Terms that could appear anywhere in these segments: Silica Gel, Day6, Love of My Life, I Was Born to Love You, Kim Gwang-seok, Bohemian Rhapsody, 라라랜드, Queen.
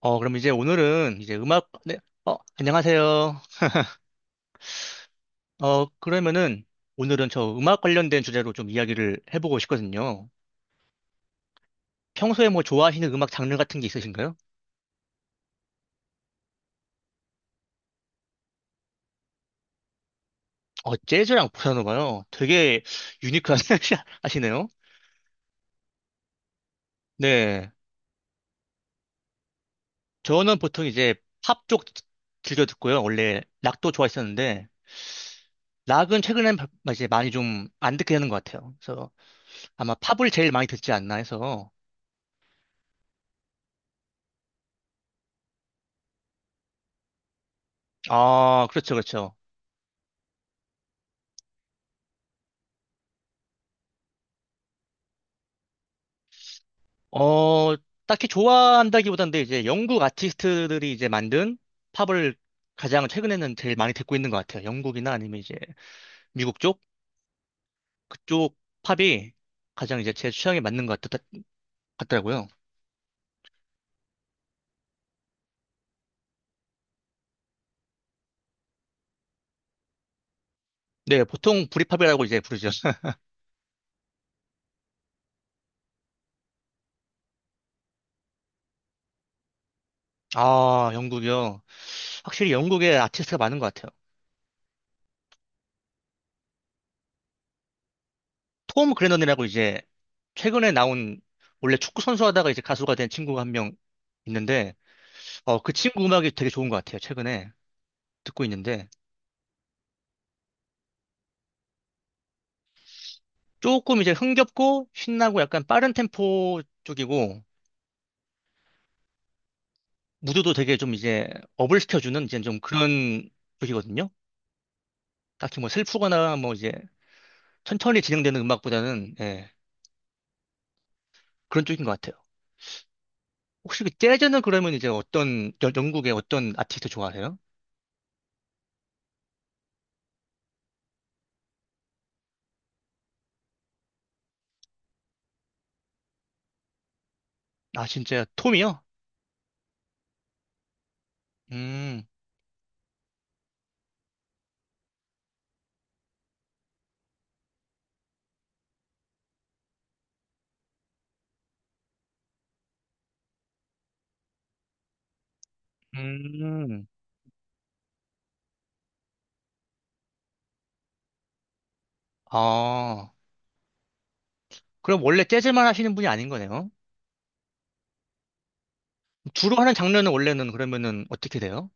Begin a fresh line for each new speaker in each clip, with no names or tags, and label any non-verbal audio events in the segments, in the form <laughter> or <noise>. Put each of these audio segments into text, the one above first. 그럼 이제 오늘은 이제 음악, 네, 안녕하세요. 그러면은 오늘은 저 음악 관련된 주제로 좀 이야기를 해보고 싶거든요. 평소에 뭐 좋아하시는 음악 장르 같은 게 있으신가요? 재즈랑 보사노바요. 되게 유니크한 <laughs> 하시네요. 네. 저는 보통 이제 팝 쪽 즐겨 듣고요. 원래 락도 좋아했었는데, 락은 최근엔 이제 많이 좀 안 듣게 되는 것 같아요. 그래서 아마 팝을 제일 많이 듣지 않나 해서. 아, 그렇죠, 그렇죠. 어, 딱히 좋아한다기보단 데 이제 영국 아티스트들이 이제 만든 팝을 가장 최근에는 제일 많이 듣고 있는 것 같아요. 영국이나 아니면 이제 미국 쪽? 그쪽 팝이 가장 이제 제 취향에 맞는 것 같더라고요. 네, 보통 브릿팝이라고 이제 부르죠. <laughs> 아, 영국이요. 확실히 영국에 아티스트가 많은 것 같아요. 톰 그레넌이라고 이제 최근에 나온 원래 축구 선수 하다가 이제 가수가 된 친구가 한 명 있는데, 그 친구 음악이 되게 좋은 것 같아요. 최근에 듣고 있는데. 조금 이제 흥겹고 신나고 약간 빠른 템포 쪽이고 무드도 되게 좀 이제 업을 시켜주는 이제 좀 그런 쪽이거든요. 딱히 뭐 슬프거나 뭐 이제 천천히 진행되는 음악보다는 예, 그런 쪽인 것 같아요. 혹시 그 재즈는 그러면 이제 어떤 영국의 어떤 아티스트 좋아하세요? 아 진짜 톰이요? 음, 음, 아 그럼 원래 재즈만 하시는 분이 아닌 거네요. 주로 하는 장르는 원래는 그러면은 어떻게 돼요?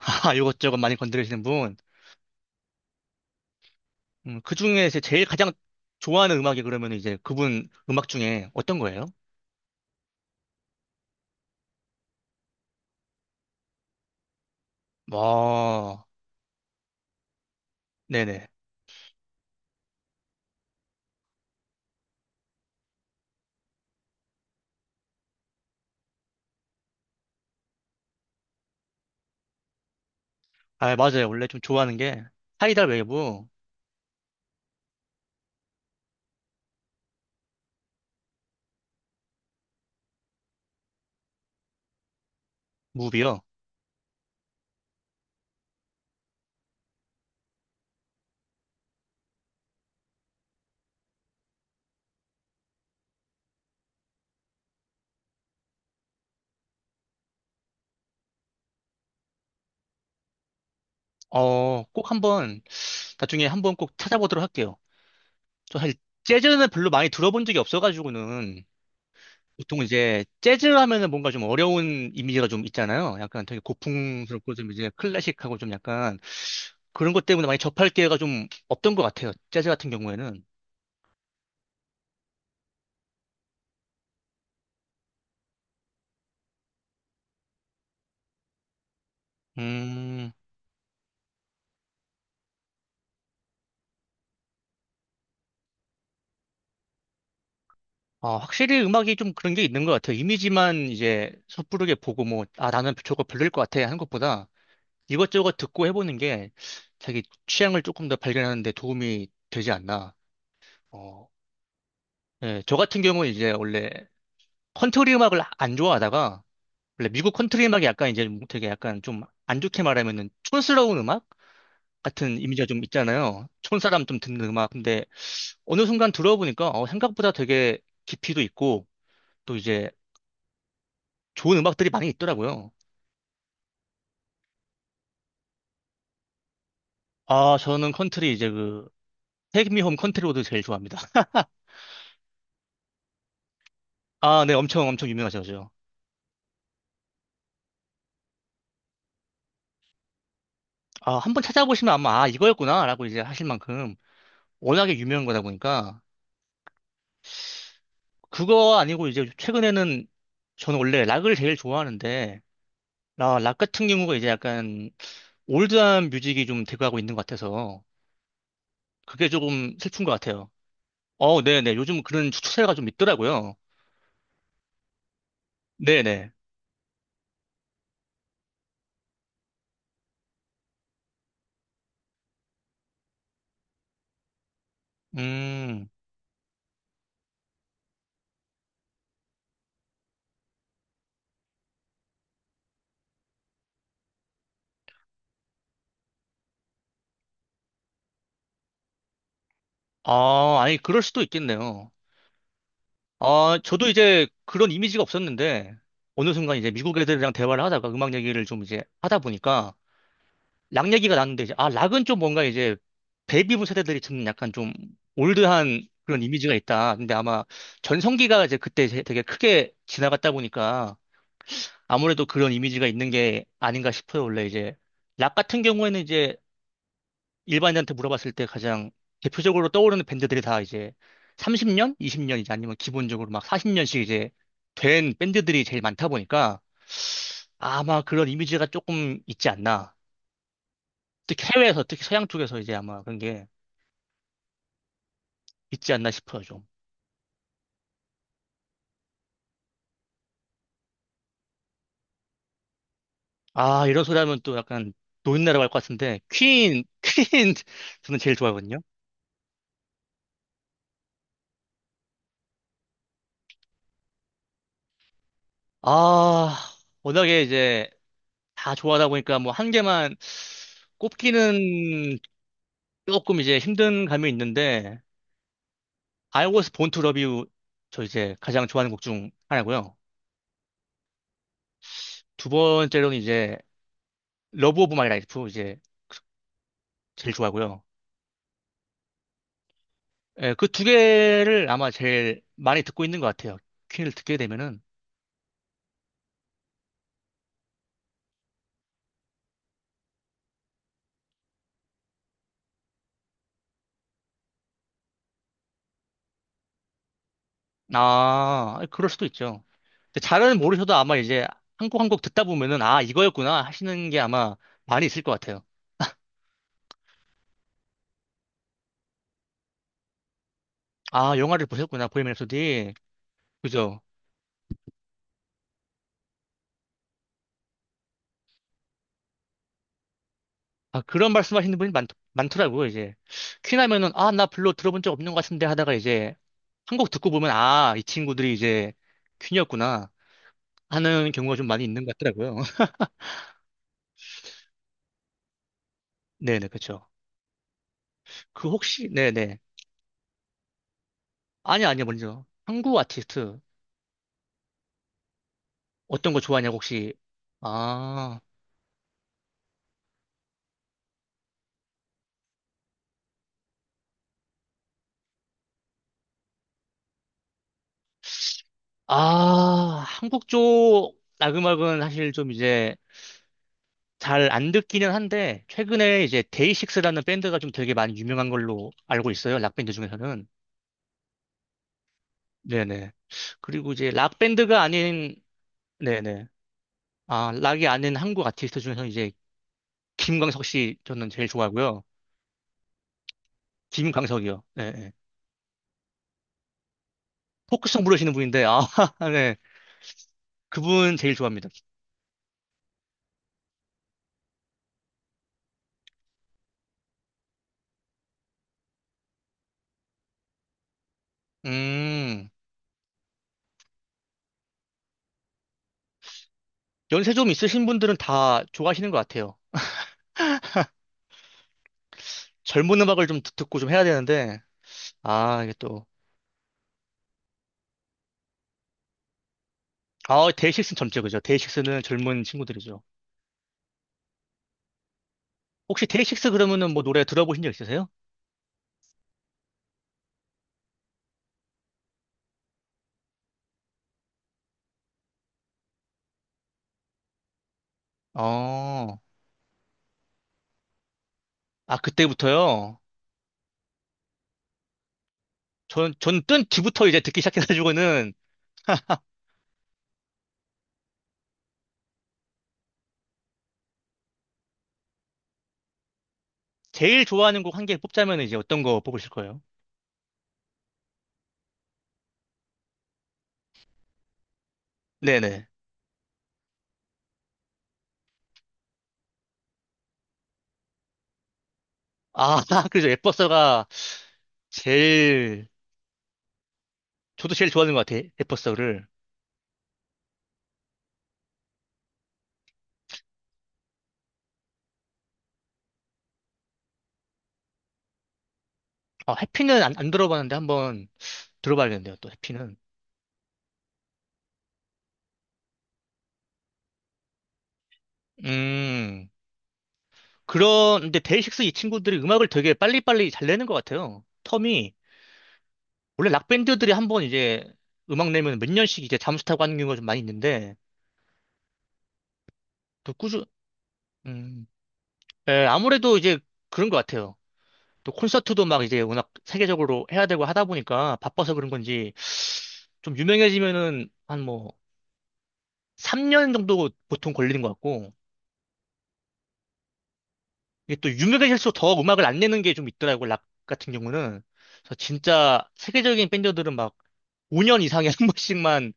<laughs> 아 이것저것 많이 건드리시는 분. 그 중에 이제 제일 가장 좋아하는 음악이 그러면 이제 그분 음악 중에 어떤 거예요? 와, 네네. 아, 맞아요. 원래 좀 좋아하는 게 하이달 웨이브 무비요. 꼭 한번 나중에 한번 꼭 찾아보도록 할게요. 저 사실 재즈는 별로 많이 들어본 적이 없어가지고는 보통 이제 재즈 하면은 뭔가 좀 어려운 이미지가 좀 있잖아요. 약간 되게 고풍스럽고 좀 이제 클래식하고 좀 약간 그런 것 때문에 많이 접할 기회가 좀 없던 것 같아요. 재즈 같은 경우에는. 음. 아, 확실히 음악이 좀 그런 게 있는 것 같아요. 이미지만 이제 섣부르게 보고 뭐, 아, 나는 저거 별로일 것 같아 하는 것보다 이것저것 듣고 해보는 게 자기 취향을 조금 더 발견하는 데 도움이 되지 않나. 어, 예, 저 같은 경우는 이제 원래 컨트리 음악을 안 좋아하다가 원래 미국 컨트리 음악이 약간 이제 뭐 되게 약간 좀 안 좋게 말하면은 촌스러운 음악 같은 이미지가 좀 있잖아요. 촌사람 좀 듣는 음악. 근데 어느 순간 들어보니까 생각보다 되게 깊이도 있고 또 이제 좋은 음악들이 많이 있더라고요. 아, 저는 컨트리 이제 그 테이크 미홈 컨트리 로드 제일 좋아합니다. 아, 네, 엄청 엄청 유명하죠, 죠 아, 한번 찾아보시면 아마 아, 이거였구나라고 이제 하실 만큼 워낙에 유명한 거다 보니까 그거 아니고 이제 최근에는 저는 원래 락을 제일 좋아하는데 락 같은 경우가 이제 약간 올드한 뮤직이 좀 대두하고 있는 것 같아서 그게 조금 슬픈 것 같아요. 네네, 요즘 그런 추세가 좀 있더라고요. 네네. 음, 아, 아니 그럴 수도 있겠네요. 아, 저도 이제 그런 이미지가 없었는데, 어느 순간 이제 미국 애들이랑 대화를 하다가 음악 얘기를 좀 이제 하다 보니까, 락 얘기가 나는데, 이제, 아, 락은 좀 뭔가 이제, 베이비붐 세대들이 듣는 약간 좀 올드한 그런 이미지가 있다. 근데 아마 전성기가 이제 그때 되게 크게 지나갔다 보니까, 아무래도 그런 이미지가 있는 게 아닌가 싶어요. 원래 이제, 락 같은 경우에는 이제, 일반인한테 물어봤을 때 가장 대표적으로 떠오르는 밴드들이 다 이제 30년, 20년 이제 아니면 기본적으로 막 40년씩 이제 된 밴드들이 제일 많다 보니까 아마 그런 이미지가 조금 있지 않나. 특히 해외에서, 특히 서양 쪽에서 이제 아마 그런 게 있지 않나 싶어요, 좀. 아, 이런 소리 하면 또 약간 노인나라 할것 같은데, 퀸, <laughs> 퀸, 저는 제일 좋아하거든요. 아, 워낙에 이제 다 좋아하다 보니까 뭐 한 개만 꼽기는 조금 이제 힘든 감이 있는데, i o 스 본투 러비우 저 이제 가장 좋아하는 곡 중 하나고요. 두 번째로는 이제 러브 오브 마이 라이프 이제 제일 좋아하고요. 예, 그 두 개를 아마 제일 많이 듣고 있는 것 같아요. 퀸을 듣게 되면은 아 그럴 수도 있죠. 근데 잘은 모르셔도 아마 이제 한 곡 한 곡 듣다 보면은 아 이거였구나 하시는 게 아마 많이 있을 것 같아요. 아 영화를 보셨구나 보헤미안 랩소디 그죠? 아, 그런 말씀하시는 분이 많더라고요, 이제. 퀸 하면은, 아, 나 별로 들어본 적 없는 것 같은데 하다가 이제, 한 곡 듣고 보면, 아, 이 친구들이 이제 퀸이었구나 하는 경우가 좀 많이 있는 것 같더라고요. <laughs> 네네, 그쵸. 그 혹시, 네네. 아니, 아니요, 먼저. 한국 아티스트, 어떤 거 좋아하냐고, 혹시. 아, 아, 한국 쪽 나그막은 사실 좀 이제 잘 안 듣기는 한데, 최근에 이제 데이식스라는 밴드가 좀 되게 많이 유명한 걸로 알고 있어요, 락밴드 중에서는. 네네. 그리고 이제 락 밴드가 아닌 네네. 아, 락이 아닌 한국 아티스트 중에서 이제 김광석 씨 저는 제일 좋아하고요. 김광석이요. 네. 네. 포크송 부르시는 분인데 아, <laughs> 네. 그분 제일 좋아합니다. 음. 연세 좀 있으신 분들은 다 좋아하시는 것 같아요. 젊은 음악을 좀 듣고 좀 해야 되는데 아, 이게 또 아, 데이식스는 젊죠. 그죠? 데이식스는 젊은 친구들이죠. 혹시 데이식스 그러면은 뭐 노래 들어보신 적 있으세요? 어. 아, 그때부터요? 전뜬 뒤부터 이제 듣기 시작해가지고는 제일 좋아하는 곡 한 개 뽑자면 이제 어떤 거 뽑으실 거예요? 네네. 아, <laughs> 그래서 에버서가 제일, 저도 제일 좋아하는 것 같아요. 에버서를. 아, 해피는 안 들어봤는데 한번 들어봐야겠는데요, 또 해피는. 음, 그런, 데 데이식스 이 친구들이 음악을 되게 빨리빨리 잘 내는 것 같아요. 텀이. 원래 락밴드들이 한번 이제 음악 내면 몇 년씩 이제 잠수 타고 하는 경우가 좀 많이 있는데, 또 꾸준, 음, 예, 아무래도 이제 그런 것 같아요. 또 콘서트도 막 이제 워낙 세계적으로 해야 되고 하다 보니까 바빠서 그런 건지 좀 유명해지면은 한 뭐 3년 정도 보통 걸리는 것 같고 이게 또 유명해질수록 더 음악을 안 내는 게 좀 있더라고 락 같은 경우는 그래서 진짜 세계적인 밴드들은 막 5년 이상에 한 번씩만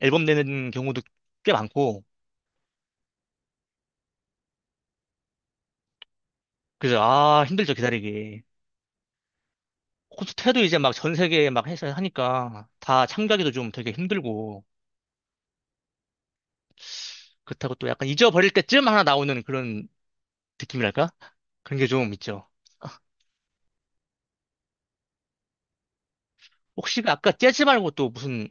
앨범 내는 경우도 꽤 많고 그래서 아 힘들죠 기다리기 콘서트 해도 이제 막 전 세계에 막 해서 하니까 다 참가하기도 좀 되게 힘들고 그렇다고 또 약간 잊어버릴 때쯤 하나 나오는 그런 느낌이랄까? 그런 게 좀 있죠. 혹시 그 아까 재즈 말고 또 무슨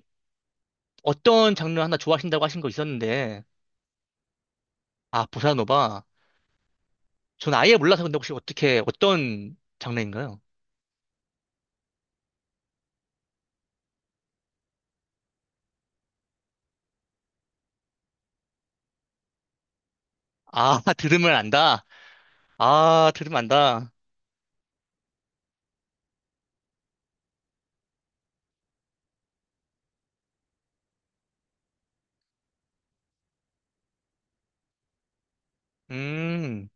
어떤 장르 하나 좋아하신다고 하신 거 있었는데, 아, 보사노바. 전 아예 몰라서 근데 혹시 어떻게, 어떤 장르인가요? 아, <laughs> 들으면 안다. 아, 들으면 안다. 음,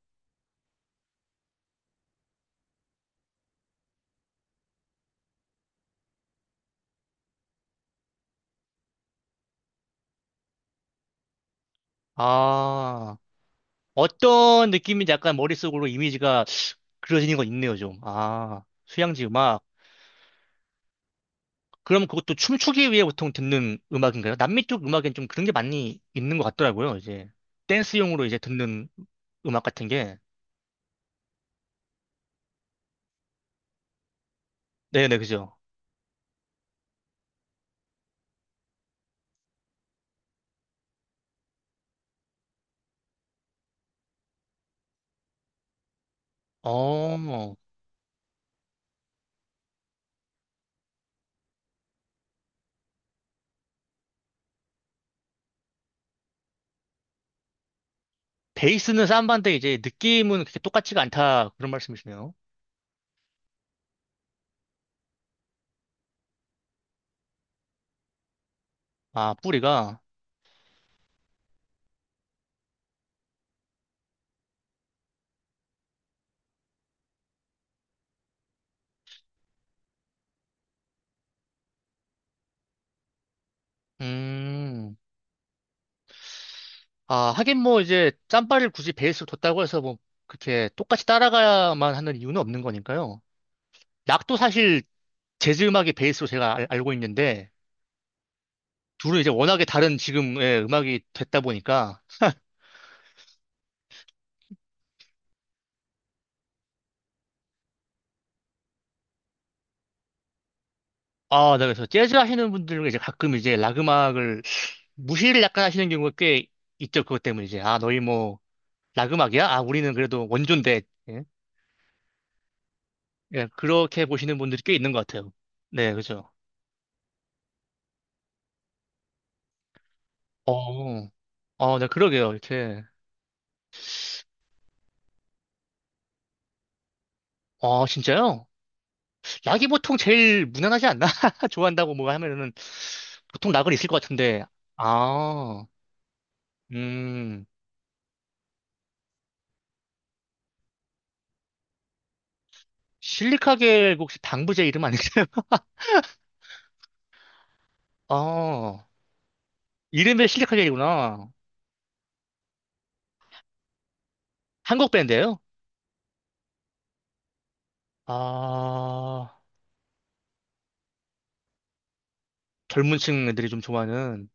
아, 어떤 느낌인지 약간 머릿속으로 이미지가 그려지는 건 있네요, 좀. 아, 휴양지 음악. 그럼 그것도 춤추기 위해 보통 듣는 음악인가요? 남미 쪽 음악엔 좀 그런 게 많이 있는 것 같더라고요. 이제 댄스용으로 이제 듣는 음악 같은 게. 네네, 그죠. 어, 베이스는 삼바인데 이제 느낌은 그렇게 똑같지가 않다. 그런 말씀이시네요. 아, 뿌리가. 음, 아, 하긴 뭐 이제 짬바를 굳이 베이스로 뒀다고 해서 뭐 그렇게 똑같이 따라가야만 하는 이유는 없는 거니까요. 락도 사실 재즈 음악이 베이스로 제가 알고 있는데 둘은 이제 워낙에 다른 지금의 음악이 됐다 보니까 아, 네, 그래서 재즈 하시는 분들은 이제 가끔 이제 락 음악을 무시를 약간 하시는 경우가 꽤 있죠. 그것 때문에 이제, 아, 너희 뭐, 락 음악이야? 아, 우리는 그래도 원조인데. 예? 예, 그렇게 보시는 분들이 꽤 있는 것 같아요. 네, 그죠. 어, 네, 그러게요. 이렇게. 아, 진짜요? 락이 보통 제일 무난하지 않나? <laughs> 좋아한다고 뭐 하면은 보통 락은 있을 것 같은데. 아, 음. 실리카겔 혹시 방부제 이름 아니세요? <laughs> 아, 이름에 실리카겔이구나. 한국 밴드예요? 아, 젊은 층 애들이 좀 좋아하는.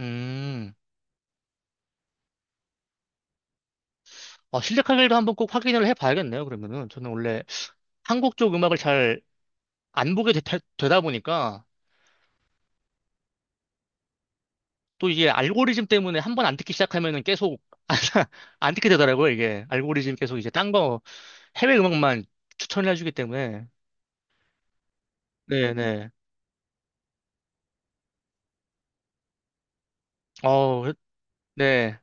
음. 아, 실력하기도 한번 꼭 확인을 해봐야겠네요, 그러면은. 저는 원래 한국 쪽 음악을 잘 안 보게 되다 보니까 또 이게 알고리즘 때문에 한번 안 듣기 시작하면은 계속 <laughs> 안, 듣게 되더라고요, 이게. 알고리즘 계속 이제 딴 거, 해외 음악만 추천을 해주기 때문에. 네네. 어, 네.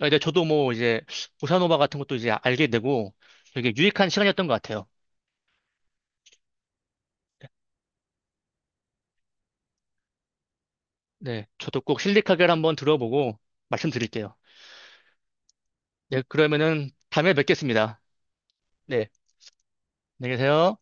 아, 네, 저도 뭐 이제 보사노바 같은 것도 이제 알게 되고 되게 유익한 시간이었던 것 같아요. 네, 저도 꼭 실리카겔 한번 들어보고 말씀드릴게요. 네, 그러면은 다음에 뵙겠습니다. 네, 안녕히 계세요.